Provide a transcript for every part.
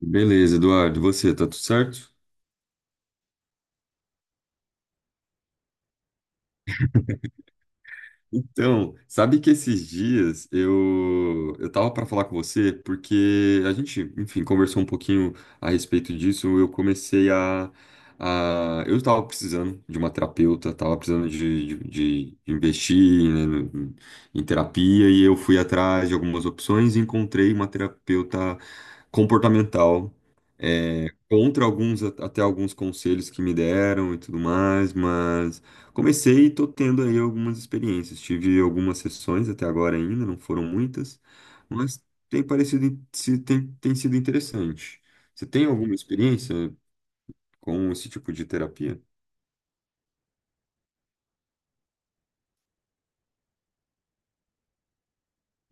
Beleza, Eduardo, e você, tá tudo certo? Então, sabe que esses dias eu tava para falar com você porque a gente, enfim, conversou um pouquinho a respeito disso. Eu comecei a Eu tava precisando de uma terapeuta, tava precisando de investir, né, em terapia, e eu fui atrás de algumas opções e encontrei uma terapeuta comportamental. Contra alguns, até alguns conselhos que me deram e tudo mais, mas comecei e estou tendo aí algumas experiências. Tive algumas sessões até agora ainda, não foram muitas, mas tem parecido, tem sido interessante. Você tem alguma experiência com esse tipo de terapia?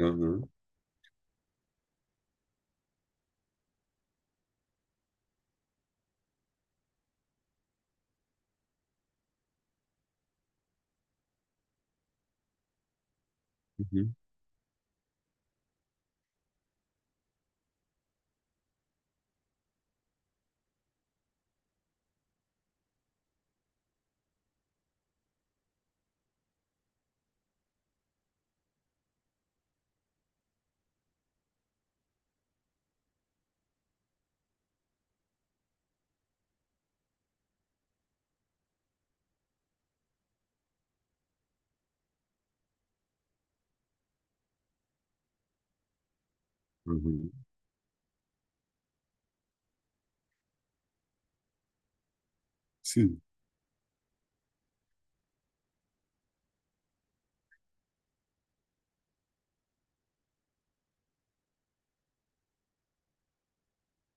Aham, uhum, uhum. Sim.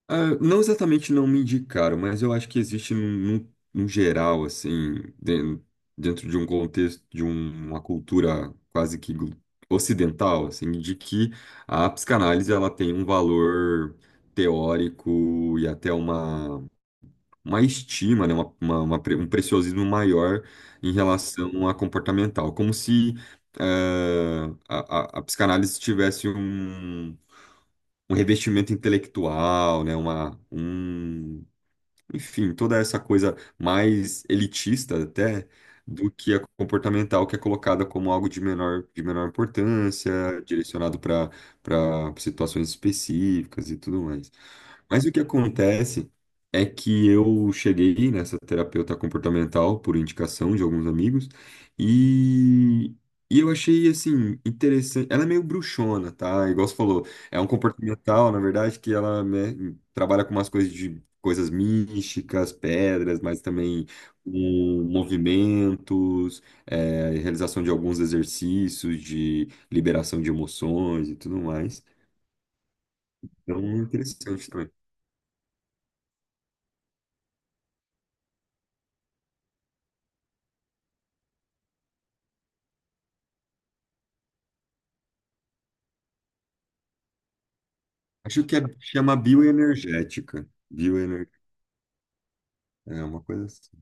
Ah, não exatamente não me indicaram, mas eu acho que existe num geral, assim, dentro de um contexto, de uma cultura quase que ocidental, assim, de que a psicanálise ela tem um valor teórico e até uma estima, né, um preciosismo maior em relação à comportamental, como se a psicanálise tivesse um revestimento intelectual, né? Enfim, toda essa coisa mais elitista até do que a comportamental, que é colocada como algo de menor importância, direcionado para situações específicas e tudo mais. Mas o que acontece é que eu cheguei nessa terapeuta comportamental por indicação de alguns amigos, e, e eu achei assim interessante. Ela é meio bruxona, tá? Igual você falou, é um comportamental, na verdade, que ela, né, trabalha com umas coisas de coisas místicas, pedras, mas também com movimentos, realização de alguns exercícios de liberação de emoções e tudo mais. Então, é interessante também. Acho que é, chama bioenergética. Bioener... É uma coisa assim.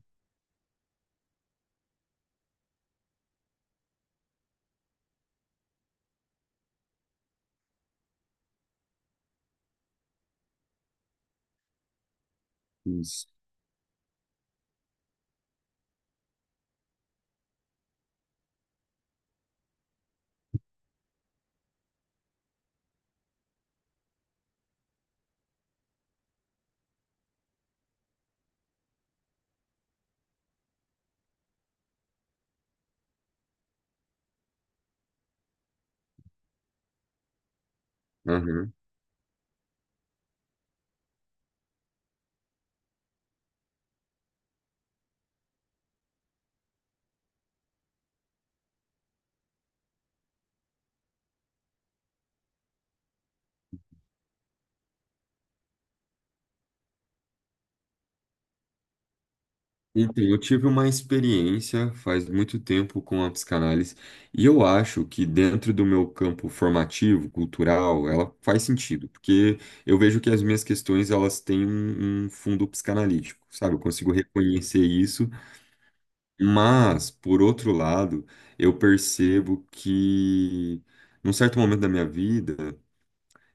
Isso. Então, eu tive uma experiência faz muito tempo com a psicanálise, e eu acho que dentro do meu campo formativo, cultural, ela faz sentido, porque eu vejo que as minhas questões elas têm um fundo psicanalítico, sabe? Eu consigo reconhecer isso, mas por outro lado, eu percebo que num certo momento da minha vida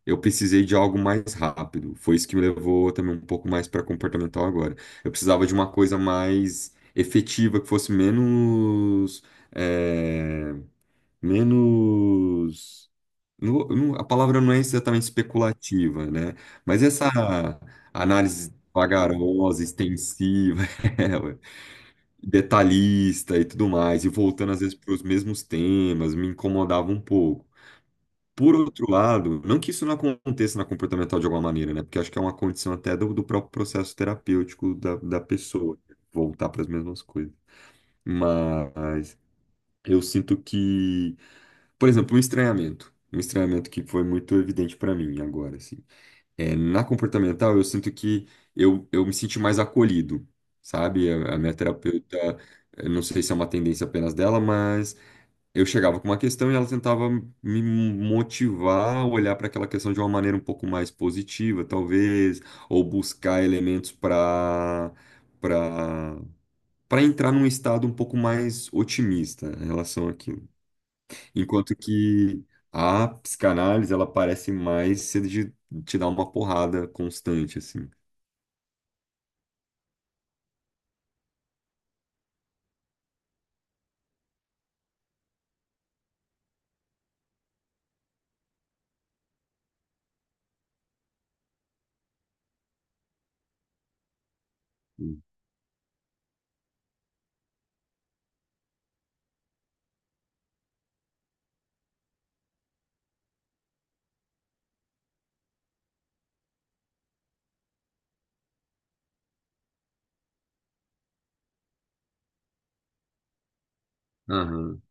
eu precisei de algo mais rápido. Foi isso que me levou também um pouco mais para comportamental agora. Eu precisava de uma coisa mais efetiva, que fosse menos. É, menos. A palavra não é exatamente especulativa, né? Mas essa análise vagarosa, extensiva, é, ué, detalhista e tudo mais, e voltando às vezes para os mesmos temas, me incomodava um pouco. Por outro lado, não que isso não aconteça na comportamental de alguma maneira, né? Porque acho que é uma condição até do próprio processo terapêutico da pessoa, né? Voltar para as mesmas coisas. Mas eu sinto que, por exemplo, um estranhamento. Um estranhamento que foi muito evidente para mim agora, assim. É, na comportamental, eu sinto que eu me senti mais acolhido, sabe? A minha terapeuta, eu não sei se é uma tendência apenas dela, mas eu chegava com uma questão e ela tentava me motivar a olhar para aquela questão de uma maneira um pouco mais positiva, talvez, ou buscar elementos para para entrar num estado um pouco mais otimista em relação àquilo. Enquanto que a psicanálise, ela parece mais ser de te dar uma porrada constante, assim. Sim. Aham,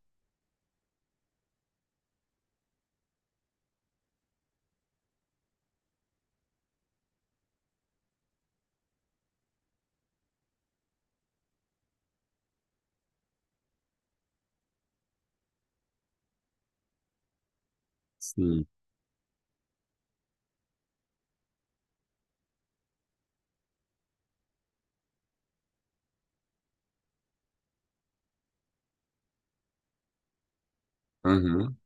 sim. Aham.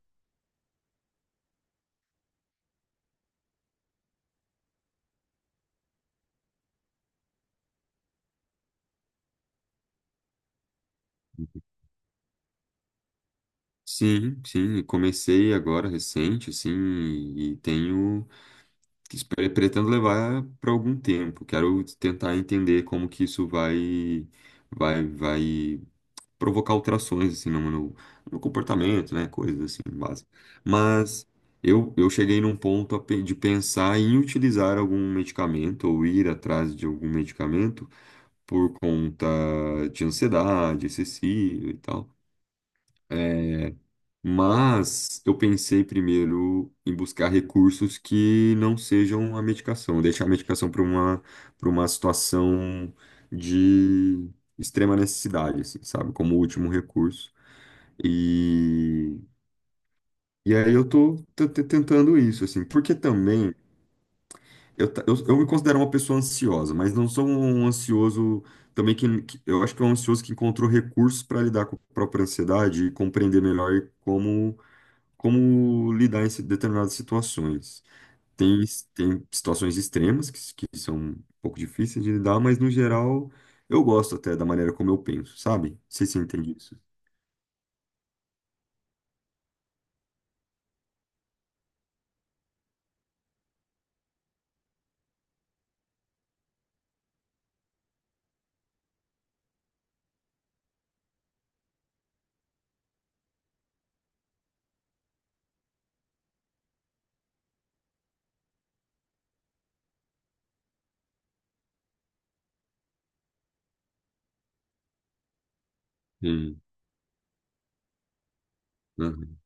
Sim, sim, comecei agora recente, assim, e tenho... Espero... Pretendo levar para algum tempo. Quero tentar entender como que isso vai provocar alterações assim no comportamento, né? Coisas assim básicas. Mas eu cheguei num ponto de pensar em utilizar algum medicamento ou ir atrás de algum medicamento por conta de ansiedade excessiva e tal. É, mas eu pensei primeiro em buscar recursos que não sejam a medicação, deixar a medicação para uma situação de extrema necessidade, assim, sabe? Como último recurso. E e aí eu tô, tentando isso, assim, porque também eu me considero uma pessoa ansiosa, mas não sou um ansioso também que eu acho que é um ansioso que encontrou recursos para lidar com a própria ansiedade e compreender melhor como lidar em determinadas situações. Tem, tem situações extremas que, que são um pouco difíceis de lidar, mas no geral eu gosto até da maneira como eu penso, sabe? Não sei se você entende isso. Sim. Uhum.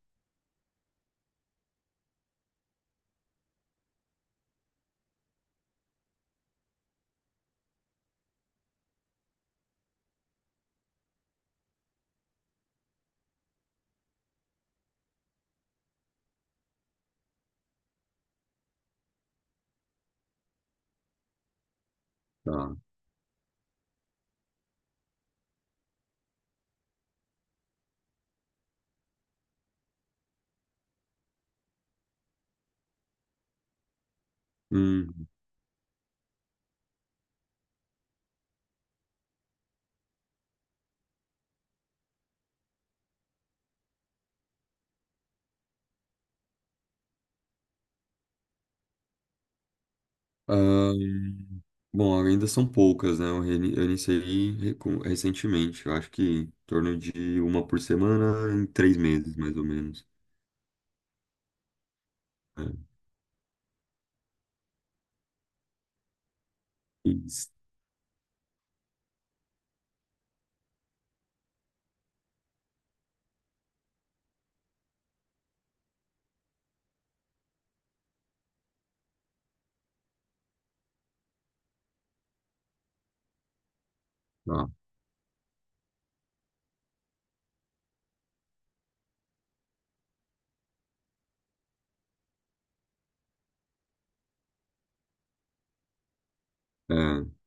Tá. Hum. Ahn, Bom, ainda são poucas, né? Eu, eu iniciei recentemente, eu acho que em torno de uma por semana em três meses, mais ou menos. É. Isso. Tá. É,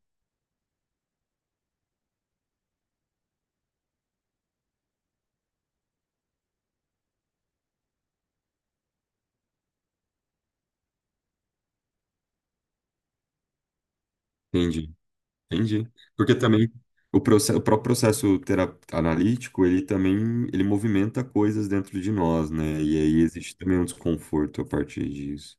entendi. Entendi. Porque também o próprio processo analítico, ele movimenta coisas dentro de nós, né? E aí existe também um desconforto a partir disso.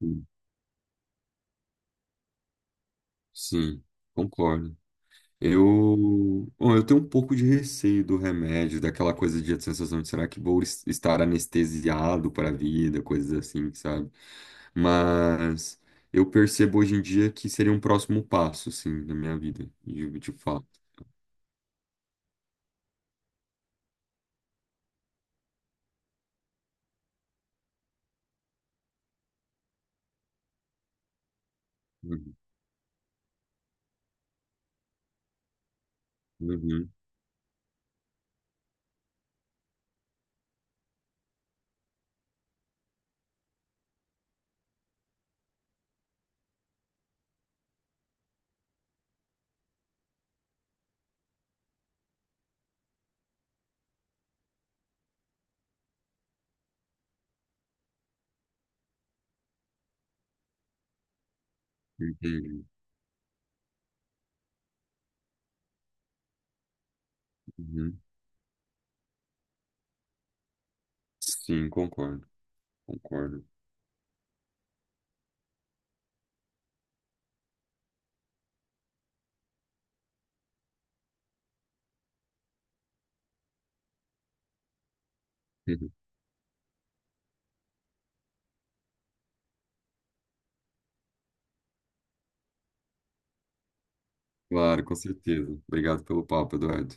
Sim, sim, concordo. Eu, bom, eu tenho um pouco de receio do remédio, daquela coisa de sensação de será que vou estar anestesiado para a vida, coisas assim, sabe? Mas eu percebo hoje em dia que seria um próximo passo, sim, na minha vida, de fato. Uhum, uhum, entendi. Uhum. Sim, concordo, concordo. Claro, com certeza. Obrigado pelo papo, Eduardo.